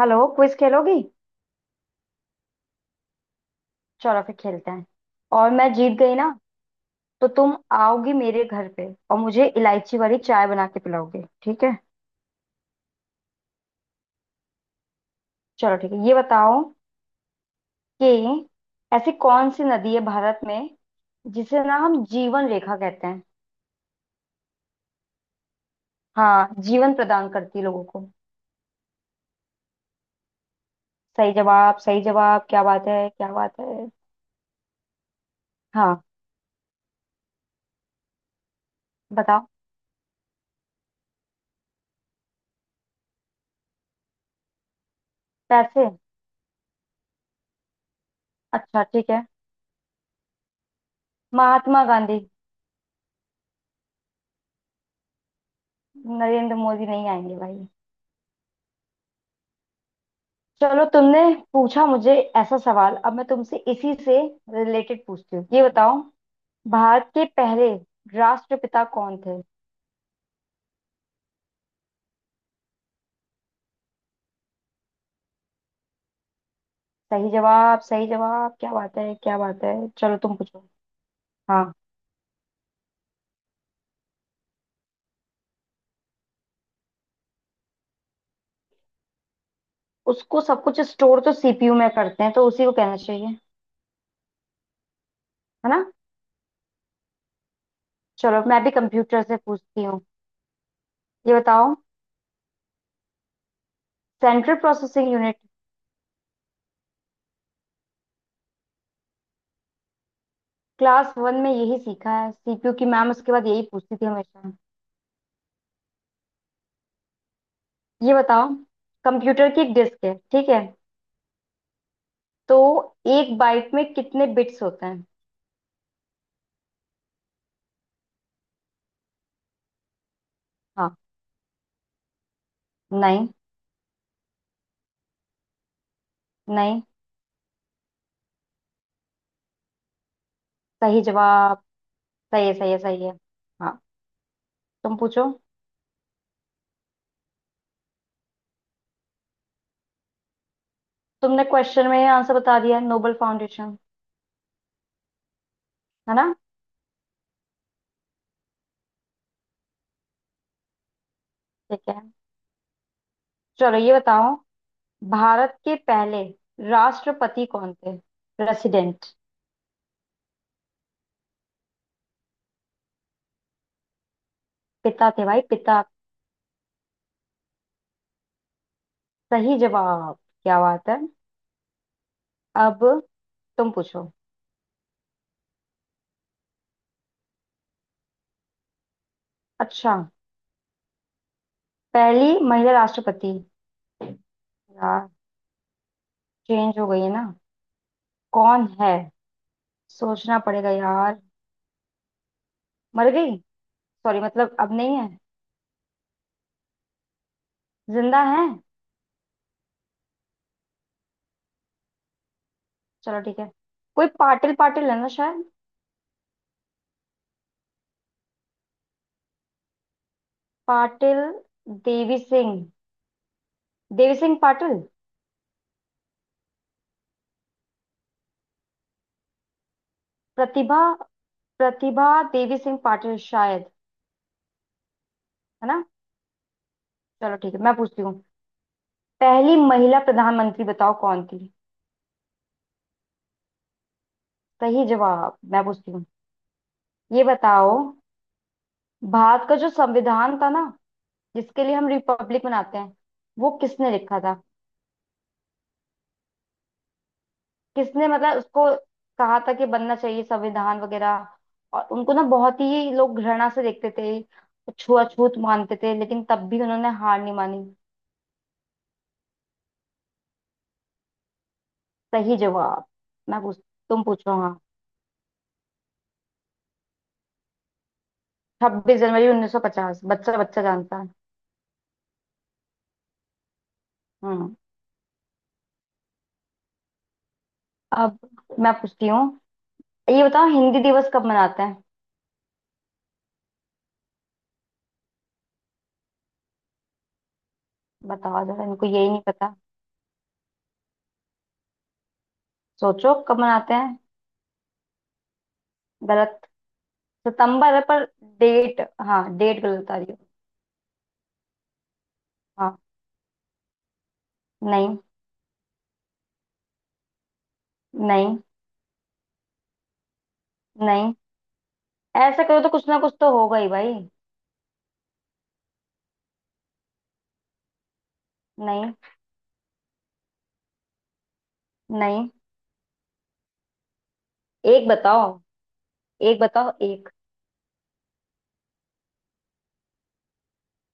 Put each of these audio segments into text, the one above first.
Hello. Quiz खेलोगी। चलो फिर खेलते हैं। और मैं जीत गई ना। तो तुम आओगी मेरे घर पे और मुझे इलायची वाली चाय बना के पिलाओगे, ठीक है। चलो ठीक है, ये बताओ कि ऐसी कौन सी नदी है भारत में जिसे ना हम जीवन रेखा कहते हैं। हाँ, जीवन प्रदान करती है लोगों को। सही जवाब सही जवाब, क्या बात है क्या बात है। हाँ, बताओ। पैसे। अच्छा ठीक है। महात्मा गांधी। नरेंद्र मोदी नहीं आएंगे भाई। चलो तुमने पूछा मुझे ऐसा सवाल, अब मैं तुमसे इसी से रिलेटेड पूछती हूँ। ये बताओ, भारत के पहले राष्ट्रपिता कौन थे। सही जवाब सही जवाब, क्या बात है क्या बात है। चलो तुम पूछो। हाँ, उसको सब कुछ स्टोर तो सीपीयू में करते हैं, तो उसी को कहना चाहिए है ना। चलो मैं भी कंप्यूटर से पूछती हूँ। ये बताओ, central processing unit. Class one में यही सीखा है, सीपीयू की मैम उसके बाद यही पूछती थी हमेशा। ये बताओ, कंप्यूटर की एक डिस्क है ठीक है, तो एक बाइट में कितने बिट्स होते हैं। हाँ। नहीं। नहीं। सही जवाब। सही है सही है सही है। हाँ, तुम पूछो। तुमने क्वेश्चन में आंसर बता दिया, नोबल फाउंडेशन। है ना। ठीक है चलो, ये बताओ, भारत के पहले राष्ट्रपति कौन थे। प्रेसिडेंट। पिता थे भाई, पिता। सही जवाब क्या बात है। अब तुम पूछो। अच्छा, पहली महिला राष्ट्रपति। यार चेंज हो गई है ना। कौन है, सोचना पड़ेगा यार। मर गई। सॉरी, मतलब अब नहीं है। जिंदा है। चलो ठीक है, कोई पाटिल पाटिल है ना शायद। पाटिल। देवी सिंह। देवी सिंह पाटिल। प्रतिभा। प्रतिभा देवी सिंह पाटिल शायद। है ना। चलो ठीक है मैं पूछती हूँ, पहली महिला प्रधानमंत्री बताओ कौन थी। सही जवाब। मैं पूछती हूँ, ये बताओ, भारत का जो संविधान था ना, जिसके लिए हम रिपब्लिक मनाते हैं, वो किसने लिखा था। किसने मतलब उसको कहा था कि बनना चाहिए संविधान वगैरह, और उनको ना बहुत ही लोग घृणा से देखते थे, छुआछूत मानते थे, लेकिन तब भी उन्होंने हार नहीं मानी। सही जवाब। मैं पूछ तुम पूछो हाँ। 26 जनवरी 1950, बच्चा बच्चा जानता है। हम्म। अब मैं पूछती हूँ, ये बताओ, हिंदी दिवस कब मनाते हैं। बताओ जरा, इनको यही नहीं पता। सोचो कब मनाते हैं। गलत। सितंबर है पर डेट। हाँ डेट गलत आ रही हो। हाँ। नहीं। नहीं। नहीं। ऐसा करो तो कुछ ना कुछ तो होगा ही भाई। नहीं। नहीं। एक बताओ, एक बताओ एक।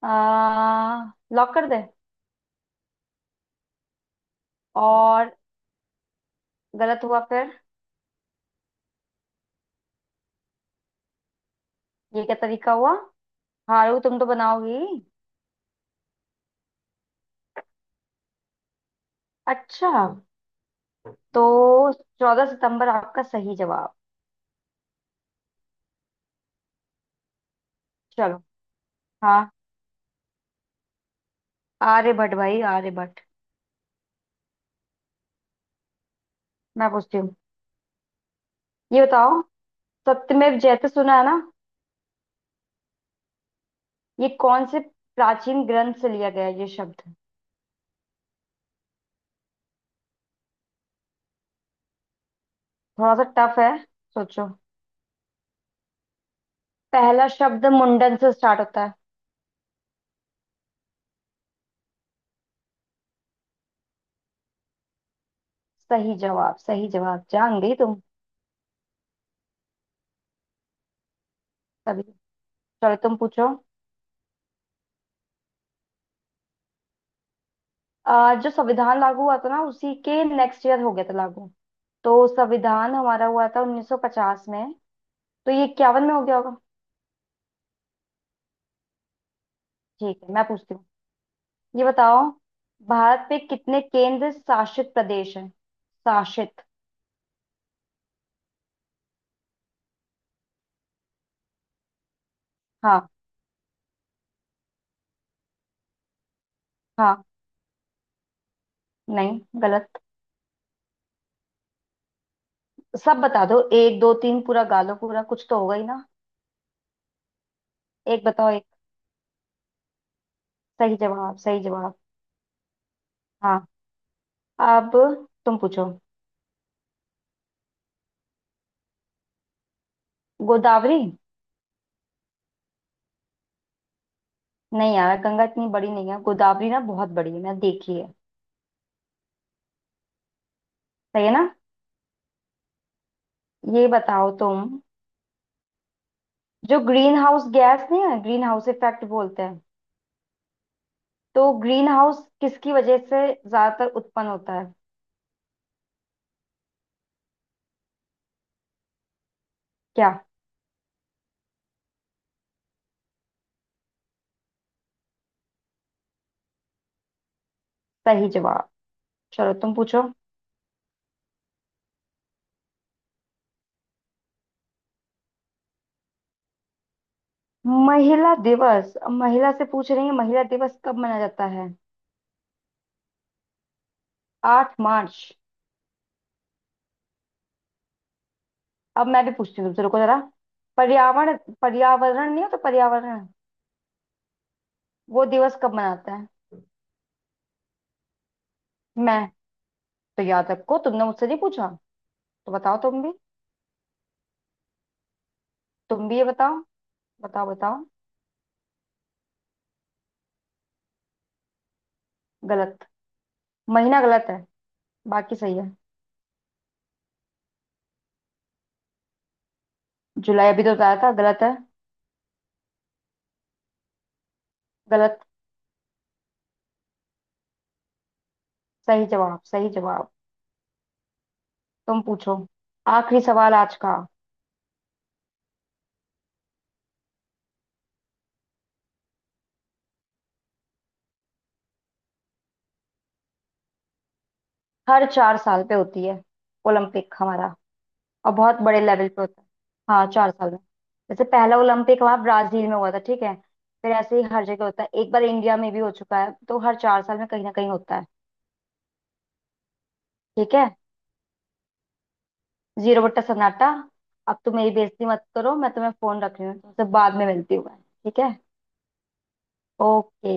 आ, लॉक कर दे। और गलत हुआ फिर। ये क्या तरीका हुआ, हारू तुम तो बनाओगी। अच्छा। तो 14 सितंबर आपका सही जवाब। चलो। हाँ, आर्यभट्ट भाई आर्यभट्ट। मैं पूछती हूँ, ये बताओ, सत्यमेव जयते सुना है ना, ये कौन से प्राचीन ग्रंथ से लिया गया है ये शब्द। थोड़ा सा टफ है, सोचो। पहला शब्द मुंडन से स्टार्ट होता है। सही जवाब सही जवाब, जान गई तुम। तभी। चलो तुम पूछो। जो संविधान लागू हुआ था ना, उसी के नेक्स्ट ईयर हो गया था लागू। तो संविधान हमारा हुआ था 1950 में, तो ये 51 में हो गया होगा। ठीक है मैं पूछती हूँ, ये बताओ, भारत पे कितने केंद्र शासित प्रदेश हैं, शासित। हाँ। हाँ, नहीं गलत। सब बता दो, एक दो तीन पूरा गालो पूरा, कुछ तो होगा ही ना। एक बताओ एक। सही जवाब सही जवाब। हाँ, अब तुम पूछो। गोदावरी। नहीं यार, गंगा इतनी बड़ी नहीं है, गोदावरी ना बहुत बड़ी है, मैंने देखी है। सही है ना। ये बताओ तुम, जो ग्रीन हाउस गैस नहीं है, ग्रीन हाउस इफेक्ट बोलते हैं, तो ग्रीन हाउस किसकी वजह से ज्यादातर उत्पन्न होता है। क्या। सही जवाब। चलो तुम पूछो। महिला दिवस, अब महिला से पूछ रही है महिला दिवस कब मनाया जाता है। 8 मार्च। अब मैं भी पूछती हूँ तुमसे, रुको जरा। पर्यावरण, पर्यावरण नहीं हो तो पर्यावरण, वो दिवस कब मनाता है। मैं। तो याद रखो, तुमने मुझसे नहीं पूछा। तो बताओ तुम भी, तुम भी ये बताओ। बताओ बताओ। गलत। महीना गलत है, बाकी सही है। जुलाई अभी तो बताया था, गलत है। गलत। सही जवाब सही जवाब। तुम पूछो, आखिरी सवाल आज का। हर 4 साल पे होती है ओलंपिक हमारा, और बहुत बड़े लेवल पे होता है। हाँ, 4 साल में। जैसे पहला ओलंपिक हमारा ब्राजील में हुआ था, ठीक है। फिर ऐसे ही हर जगह होता है, एक बार इंडिया में भी हो चुका है, तो हर 4 साल में कहीं ना कहीं होता है। ठीक है, जीरो बट्टा सन्नाटा। अब तुम मेरी बेइज्जती मत करो, मैं तुम्हें फोन रख रही हूँ, तुमसे बाद में मिलती हूँ मैं, ठीक है। ओके।